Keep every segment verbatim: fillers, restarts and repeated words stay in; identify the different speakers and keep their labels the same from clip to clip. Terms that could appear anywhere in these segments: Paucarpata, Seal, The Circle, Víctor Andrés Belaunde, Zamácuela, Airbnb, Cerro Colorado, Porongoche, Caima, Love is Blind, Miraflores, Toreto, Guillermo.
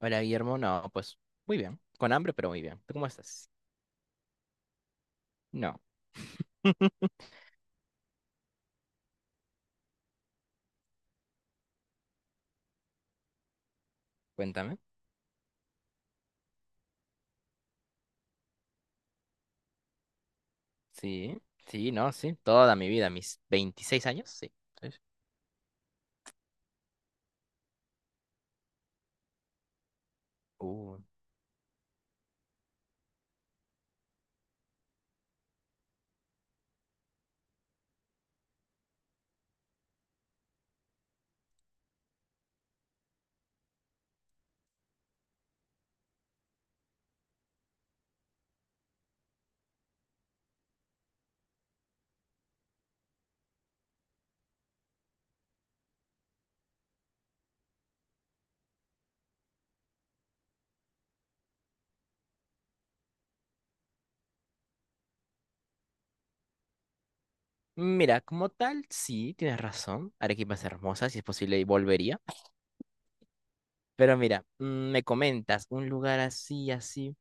Speaker 1: Hola, Guillermo. No, pues muy bien. Con hambre, pero muy bien. ¿Tú cómo estás? No, cuéntame. Sí, sí, no, sí. Toda mi vida, mis veintiséis años, sí. Sí, sí. Uh, Mira, como tal, sí, tienes razón. Arequipa es hermosa, si es posible, y volvería. Pero mira, mm, me comentas, un lugar así, así.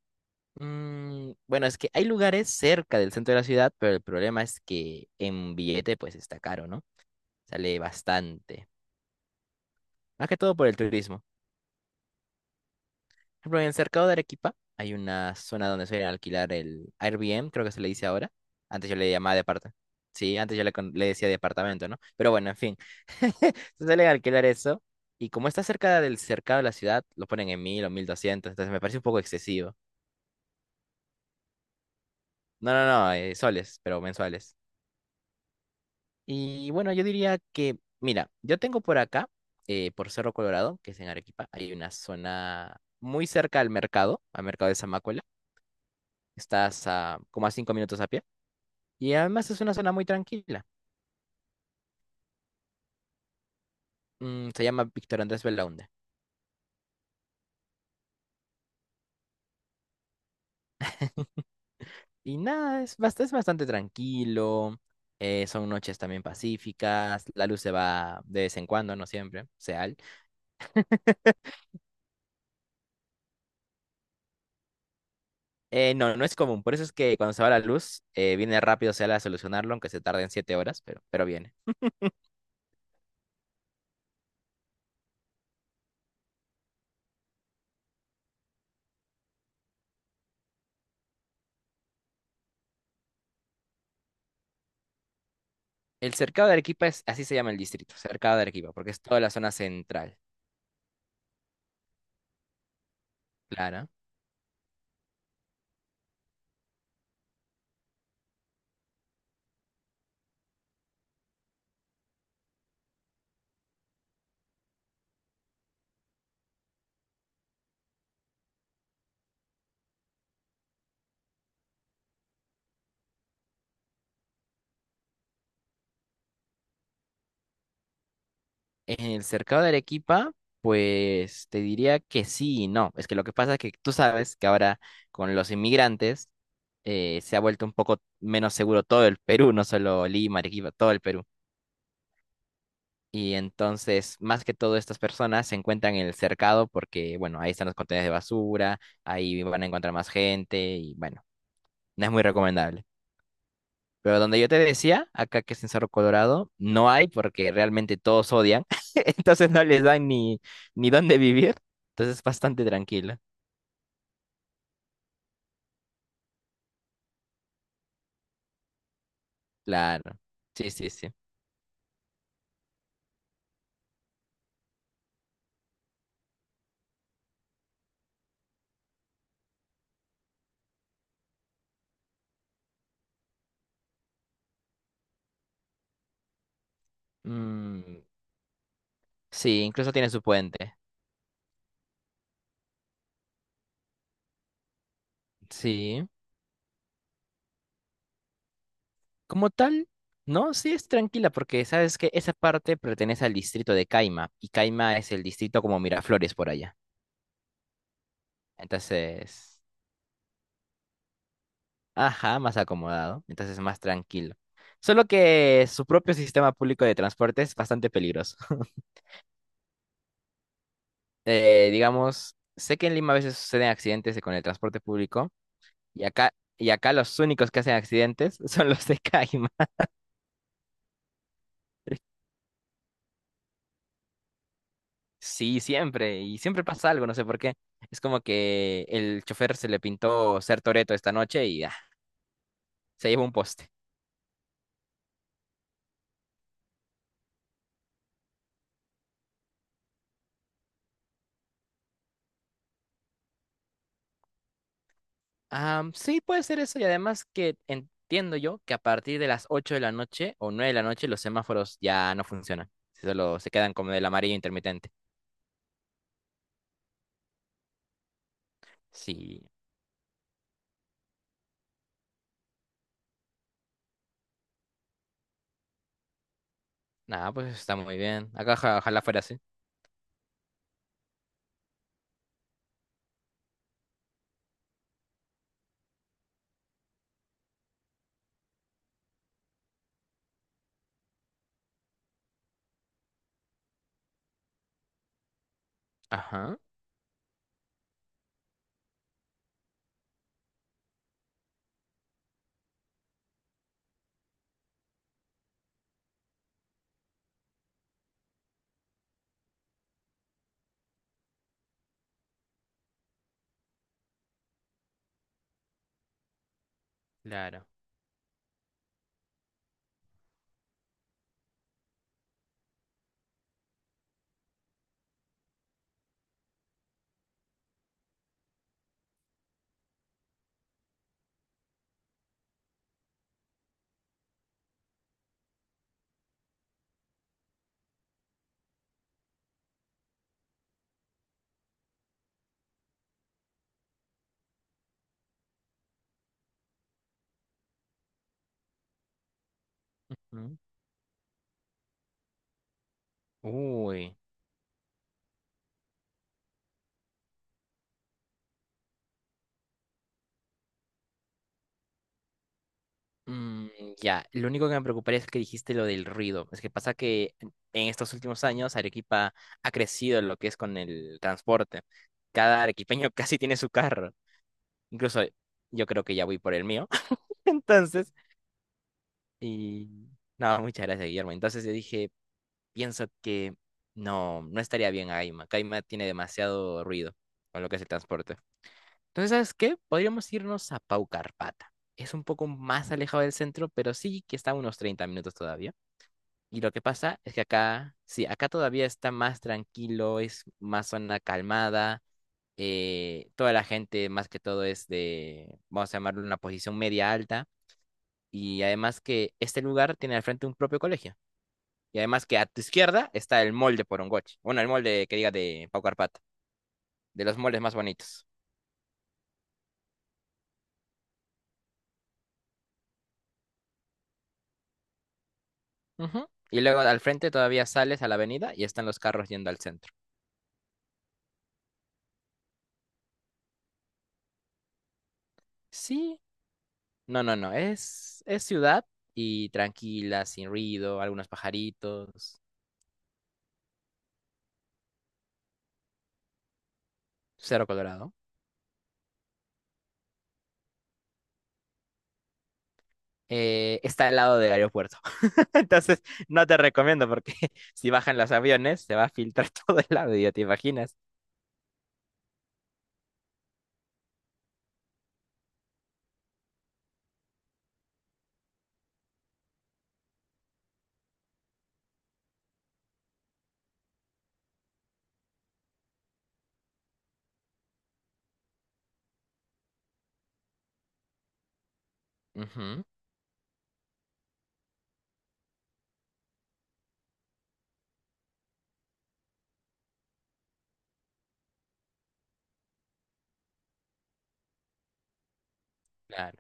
Speaker 1: mm, Bueno, es que hay lugares cerca del centro de la ciudad, pero el problema es que en billete, pues está caro, ¿no? Sale bastante. Más que todo por el turismo. Por ejemplo, en el cercado de Arequipa hay una zona donde suelen alquilar el Airbnb, creo que se le dice ahora. Antes yo le llamaba departamento. Sí, antes yo le, con- le decía departamento, ¿no? Pero bueno, en fin. Se suele alquilar eso. Y como está cerca del cercado de la ciudad, lo ponen en mil o mil doscientos. Entonces me parece un poco excesivo. No, no, no, eh, soles, pero mensuales. Y bueno, yo diría que, mira, yo tengo por acá, eh, por Cerro Colorado, que es en Arequipa, hay una zona muy cerca al mercado, al mercado de Zamácuela. Estás a como a cinco minutos a pie. Y además es una zona muy tranquila. Mm, se llama Víctor Andrés Belaunde. Y nada, es bast- es bastante tranquilo. Eh, son noches también pacíficas. La luz se va de vez en cuando, no siempre, Seal. Eh, no, no es común. Por eso es que cuando se va la luz, eh, viene rápido Seal a solucionarlo, aunque se tarden siete horas, pero, pero viene. El cercado de Arequipa es, así se llama el distrito, cercado de Arequipa, porque es toda la zona central. Claro. En el cercado de Arequipa, pues te diría que sí y no. Es que lo que pasa es que tú sabes que ahora con los inmigrantes eh, se ha vuelto un poco menos seguro todo el Perú, no solo Lima, Arequipa, todo el Perú. Y entonces, más que todo, estas personas se encuentran en el cercado porque, bueno, ahí están los contenedores de basura, ahí van a encontrar más gente y, bueno, no es muy recomendable. Pero donde yo te decía, acá que es en Cerro Colorado, no hay porque realmente todos odian. Entonces no les dan ni, ni dónde vivir. Entonces es bastante tranquilo. Claro. Sí, sí, sí. Mm, sí, incluso tiene su puente. Sí. Como tal, no, sí es tranquila porque sabes que esa parte pertenece al distrito de Caima. Y Caima es el distrito como Miraflores por allá. Entonces, ajá, más acomodado, entonces más tranquilo. Solo que su propio sistema público de transporte es bastante peligroso. Eh, digamos, sé que en Lima a veces suceden accidentes con el transporte público y acá, y acá los únicos que hacen accidentes son los de Caima. Sí, siempre, y siempre pasa algo, no sé por qué. Es como que el chofer se le pintó ser Toreto esta noche y ah, se llevó un poste. Am, sí, puede ser eso y además que entiendo yo que a partir de las ocho de la noche o nueve de la noche los semáforos ya no funcionan. Si solo se quedan como del amarillo intermitente. Sí, nada, pues está muy bien. Acá oja- ojalá fuera así. Ajá, claro. Mm. Uy. Mm, ya, lo único que me preocuparía es que dijiste lo del ruido. Es que pasa que en en estos últimos años Arequipa ha crecido en lo que es con el transporte. Cada arequipeño casi tiene su carro. Incluso yo creo que ya voy por el mío. Entonces, y nada, muchas gracias, Guillermo. Entonces yo dije, pienso que no, no estaría bien Aima. Caima tiene demasiado ruido con lo que es el transporte. Entonces, ¿sabes qué? Podríamos irnos a Paucarpata. Es un poco más alejado del centro, pero sí que está a unos treinta minutos todavía. Y lo que pasa es que acá, sí, acá todavía está más tranquilo, es más zona calmada. Eh, toda la gente, más que todo, es de, vamos a llamarlo una posición media alta. Y además que este lugar tiene al frente un propio colegio. Y además que a tu izquierda está el molde por Porongoche. Bueno, el molde que diga de Pau Carpata, de los moldes más bonitos. Ujú. Y luego al frente todavía sales a la avenida y están los carros yendo al centro. Sí, no, no, no. Es, es ciudad y tranquila, sin ruido, algunos pajaritos, Cero Colorado. Eh, está al lado del aeropuerto. Entonces, no te recomiendo porque si bajan los aviones se va a filtrar todo el lado, ya te imaginas. Ujú, claro,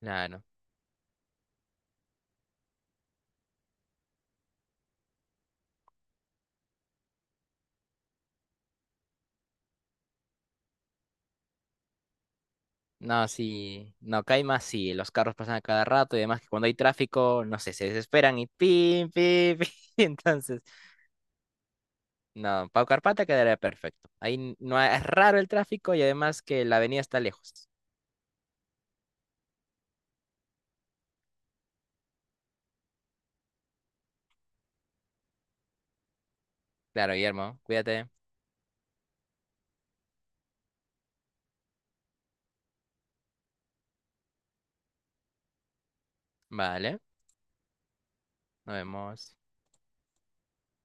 Speaker 1: claro. No, sí, no, acá hay más sí, los carros pasan a cada rato y además que cuando hay tráfico, no sé, se desesperan y pim, pim, pim. Entonces, no, Pau Carpata quedaría perfecto. Ahí n- no ha- es raro el tráfico y además que la avenida está lejos. Claro, Guillermo, cuídate. Vale, nos vemos.